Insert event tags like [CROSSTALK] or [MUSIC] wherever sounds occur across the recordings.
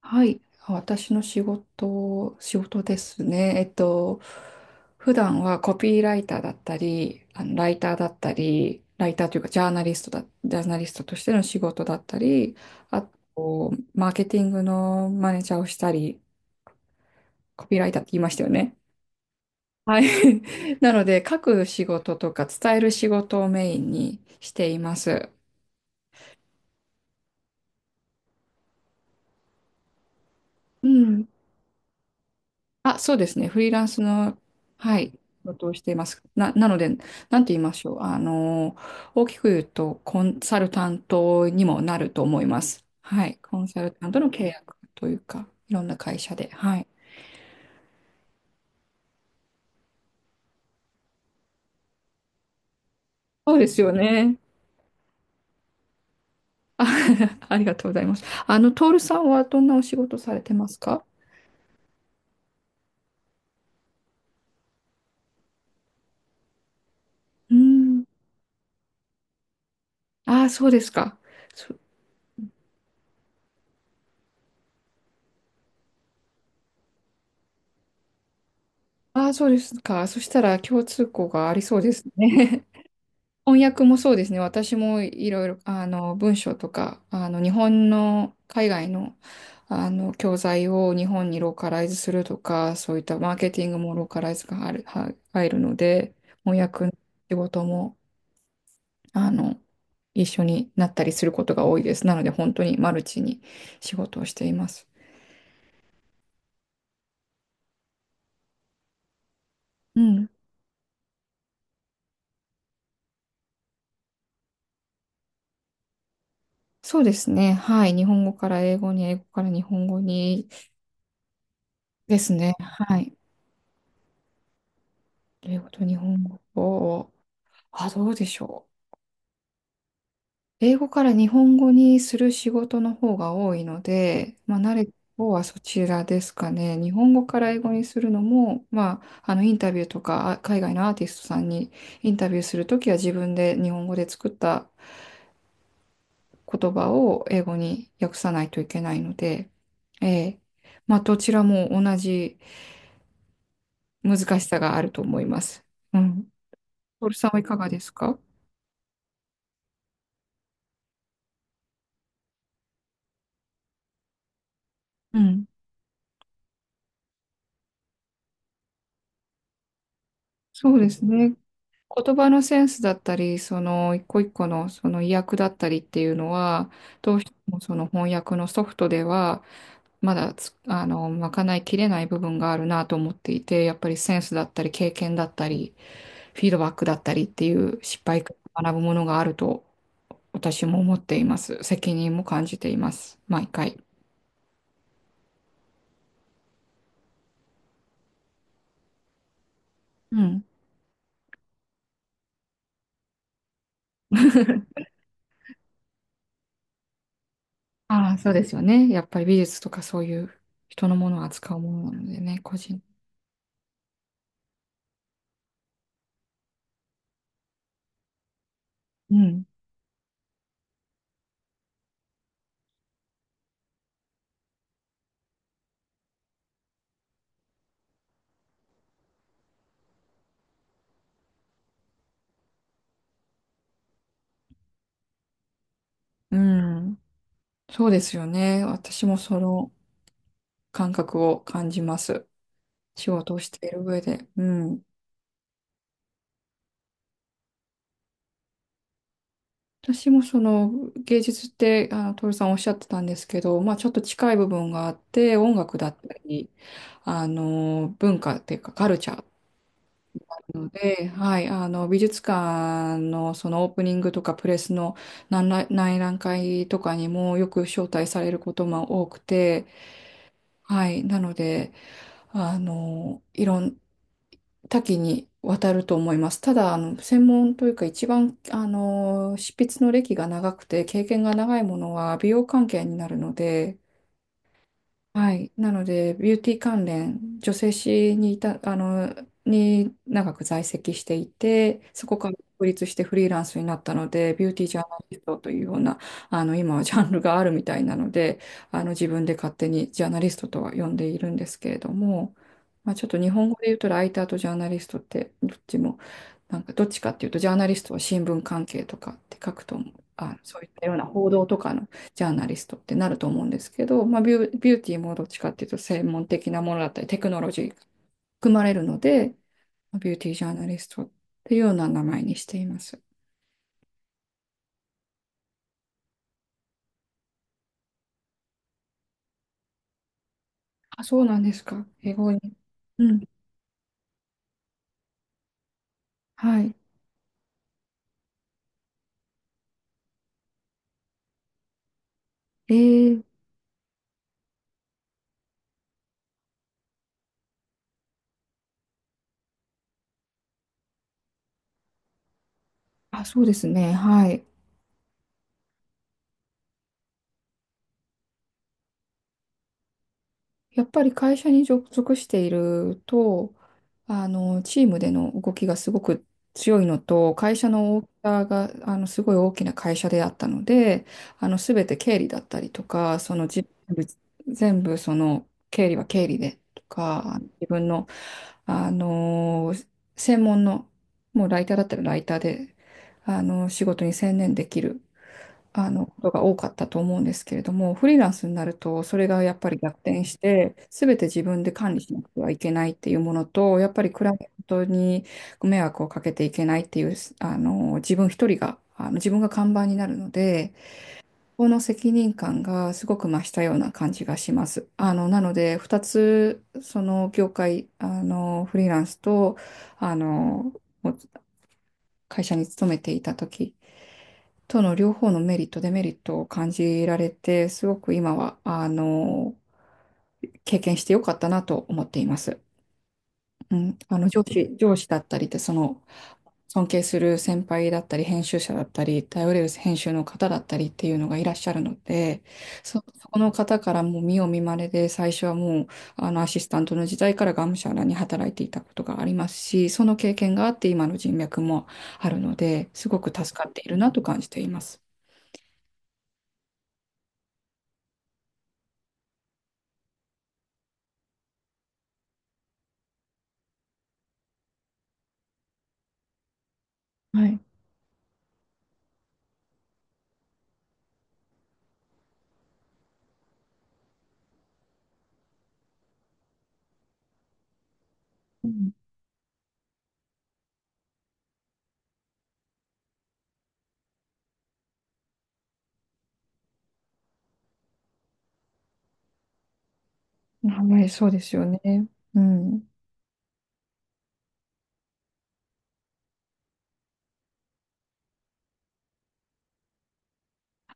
はい、私の仕事ですね。普段はコピーライターだったり、ライターだったり、ライターというかジャーナリストだ、ジャーナリストとしての仕事だったり、あと、マーケティングのマネージャーをしたり、コピーライターって言いましたよね。はい。[LAUGHS] なので、書く仕事とか伝える仕事をメインにしています。うん。あ、そうですね。フリーランスの、はい、仕事をしています。なので、なんて言いましょう。大きく言うと、コンサルタントにもなると思います。はい。コンサルタントの契約というか、いろんな会社で。はい。そうですよね。あ、[LAUGHS] ありがとうございます。あの、トールさんはどんなお仕事されてますか？うん。ああ、そうですか。そ、ああ、そうですか。そしたら共通項がありそうですね。翻訳もそうですね。私もいろいろ、あの、文章とか、あの、日本の海外の、あの、教材を日本にローカライズするとか、そういったマーケティングもローカライズが入る、は入るので、翻訳の仕事も、あの、一緒になったりすることが多いです。なので、本当にマルチに仕事をしています。うん。そうですね。はい。日本語から英語に、英語から日本語にですね。はい。英語と日本語を、あ、どうでしょう。英語から日本語にする仕事の方が多いので、まあ、慣れた方はそちらですかね。日本語から英語にするのも、まあ、あのインタビューとか海外のアーティストさんにインタビューするときは自分で日本語で作った言葉を英語に訳さないといけないので、ええ、まあ、どちらも同じ難しさがあると思います。うん。トールさんはいかがですか？うん。そうですね。言葉のセンスだったり、その一個一個のその意訳だったりっていうのは、どうしてもその翻訳のソフトでは、まだつあの、賄いきれない部分があるなと思っていて、やっぱりセンスだったり、経験だったり、フィードバックだったりっていう失敗から学ぶものがあると私も思っています。責任も感じています。毎回。うん。ああ、そうですよね。やっぱり美術とかそういう人のものを扱うものなのでね、個人。うん。うん。そうですよね。私もその感覚を感じます。仕事をしている上で。うん。私もその芸術って、あの、トさんおっしゃってたんですけど、まあちょっと近い部分があって、音楽だったり、あの、文化っていうかカルチャーなので、はい、あの、美術館のそのオープニングとかプレスの内覧会とかにもよく招待されることも多くて、はい、なので、あの、いろん、多岐にわたると思います。ただ、あの、専門というか一番、あの、執筆の歴が長くて経験が長いものは美容関係になるので、はい。なので、ビューティー関連、女性誌にいた、あの、に長く在籍していて、そこから独立してフリーランスになったので、ビューティージャーナリストというような、あの、今はジャンルがあるみたいなので、あの、自分で勝手にジャーナリストとは呼んでいるんですけれども、まあ、ちょっと日本語で言うとライターとジャーナリストって、どっちも、なんかどっちかっていうと、ジャーナリストは新聞関係とかって書くと思う、あ、そういったような報道とかのジャーナリストってなると思うんですけど、まあ、ビューティーもどっちかっていうと専門的なものだったりテクノロジーが含まれるので、ビューティージャーナリストっていうような名前にしています。あ、そうなんですか。英語に。うん。はい。えー、あ、そうですね。はい。やっぱり会社に属していると、あの、チームでの動きがすごく強いのと、会社の大きさが、あの、すごい大きな会社であったので、あの、すべて経理だったりとか、全部、その、経理は経理でとか、自分の、あの、専門の、もうライターだったらライターで、あの、仕事に専念できる。あのことが多かったと思うんですけれども、フリーランスになると、それがやっぱり逆転して、すべて自分で管理しなくてはいけないっていうものと、やっぱりクライアントにご迷惑をかけていけないっていう、あの自分一人が、あの自分が看板になるので、この責任感がすごく増したような感じがします。あのなので、2つ、その業界、あのフリーランスと、あの会社に勤めていた時との両方のメリット、デメリットを感じられて、すごく今は、あの、経験してよかったなと思っています。うん、上司だったりって、その、尊敬する先輩だったり、編集者だったり、頼れる編集の方だったりっていうのがいらっしゃるので、そこの方からもう見よう見まねで、最初はもう、あの、アシスタントの時代からがむしゃらに働いていたことがありますし、その経験があって今の人脈もあるので、すごく助かっているなと感じています。はい。うん。はい、そうですよね。うん。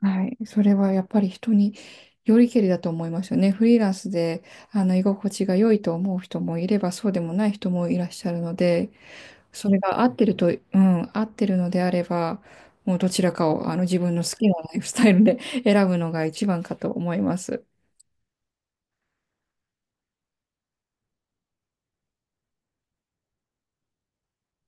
はい。それはやっぱり人によりけりだと思いますよね。フリーランスで、あの、居心地が良いと思う人もいれば、そうでもない人もいらっしゃるので、それが合ってると、うん、合ってるのであれば、もうどちらかを、あの、自分の好きなライフスタイルで [LAUGHS] 選ぶのが一番かと思います。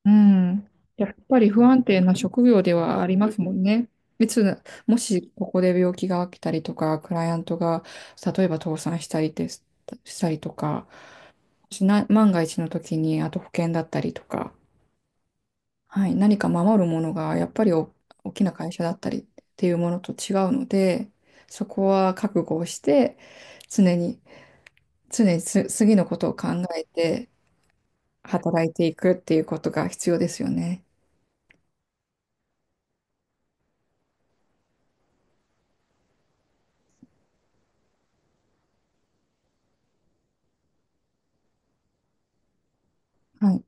うん。やっぱり不安定な職業ではありますもんね。いつ、もしここで病気が起きたりとか、クライアントが例えば倒産したりです、したりとか、もしな、万が一の時に、あと保険だったりとか、はい、何か守るものがやっぱり大きな会社だったりっていうものと違うので、そこは覚悟をして、常に、常に次のことを考えて働いていくっていうことが必要ですよね。はい。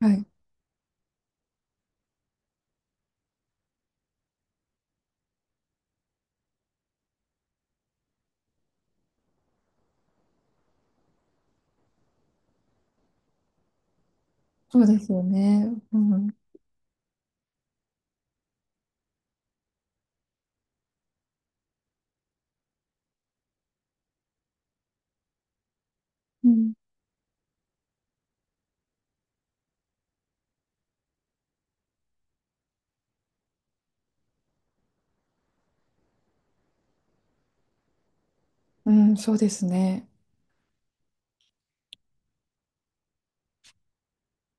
はい、そうですよね。うん。うん。うん、そうですね。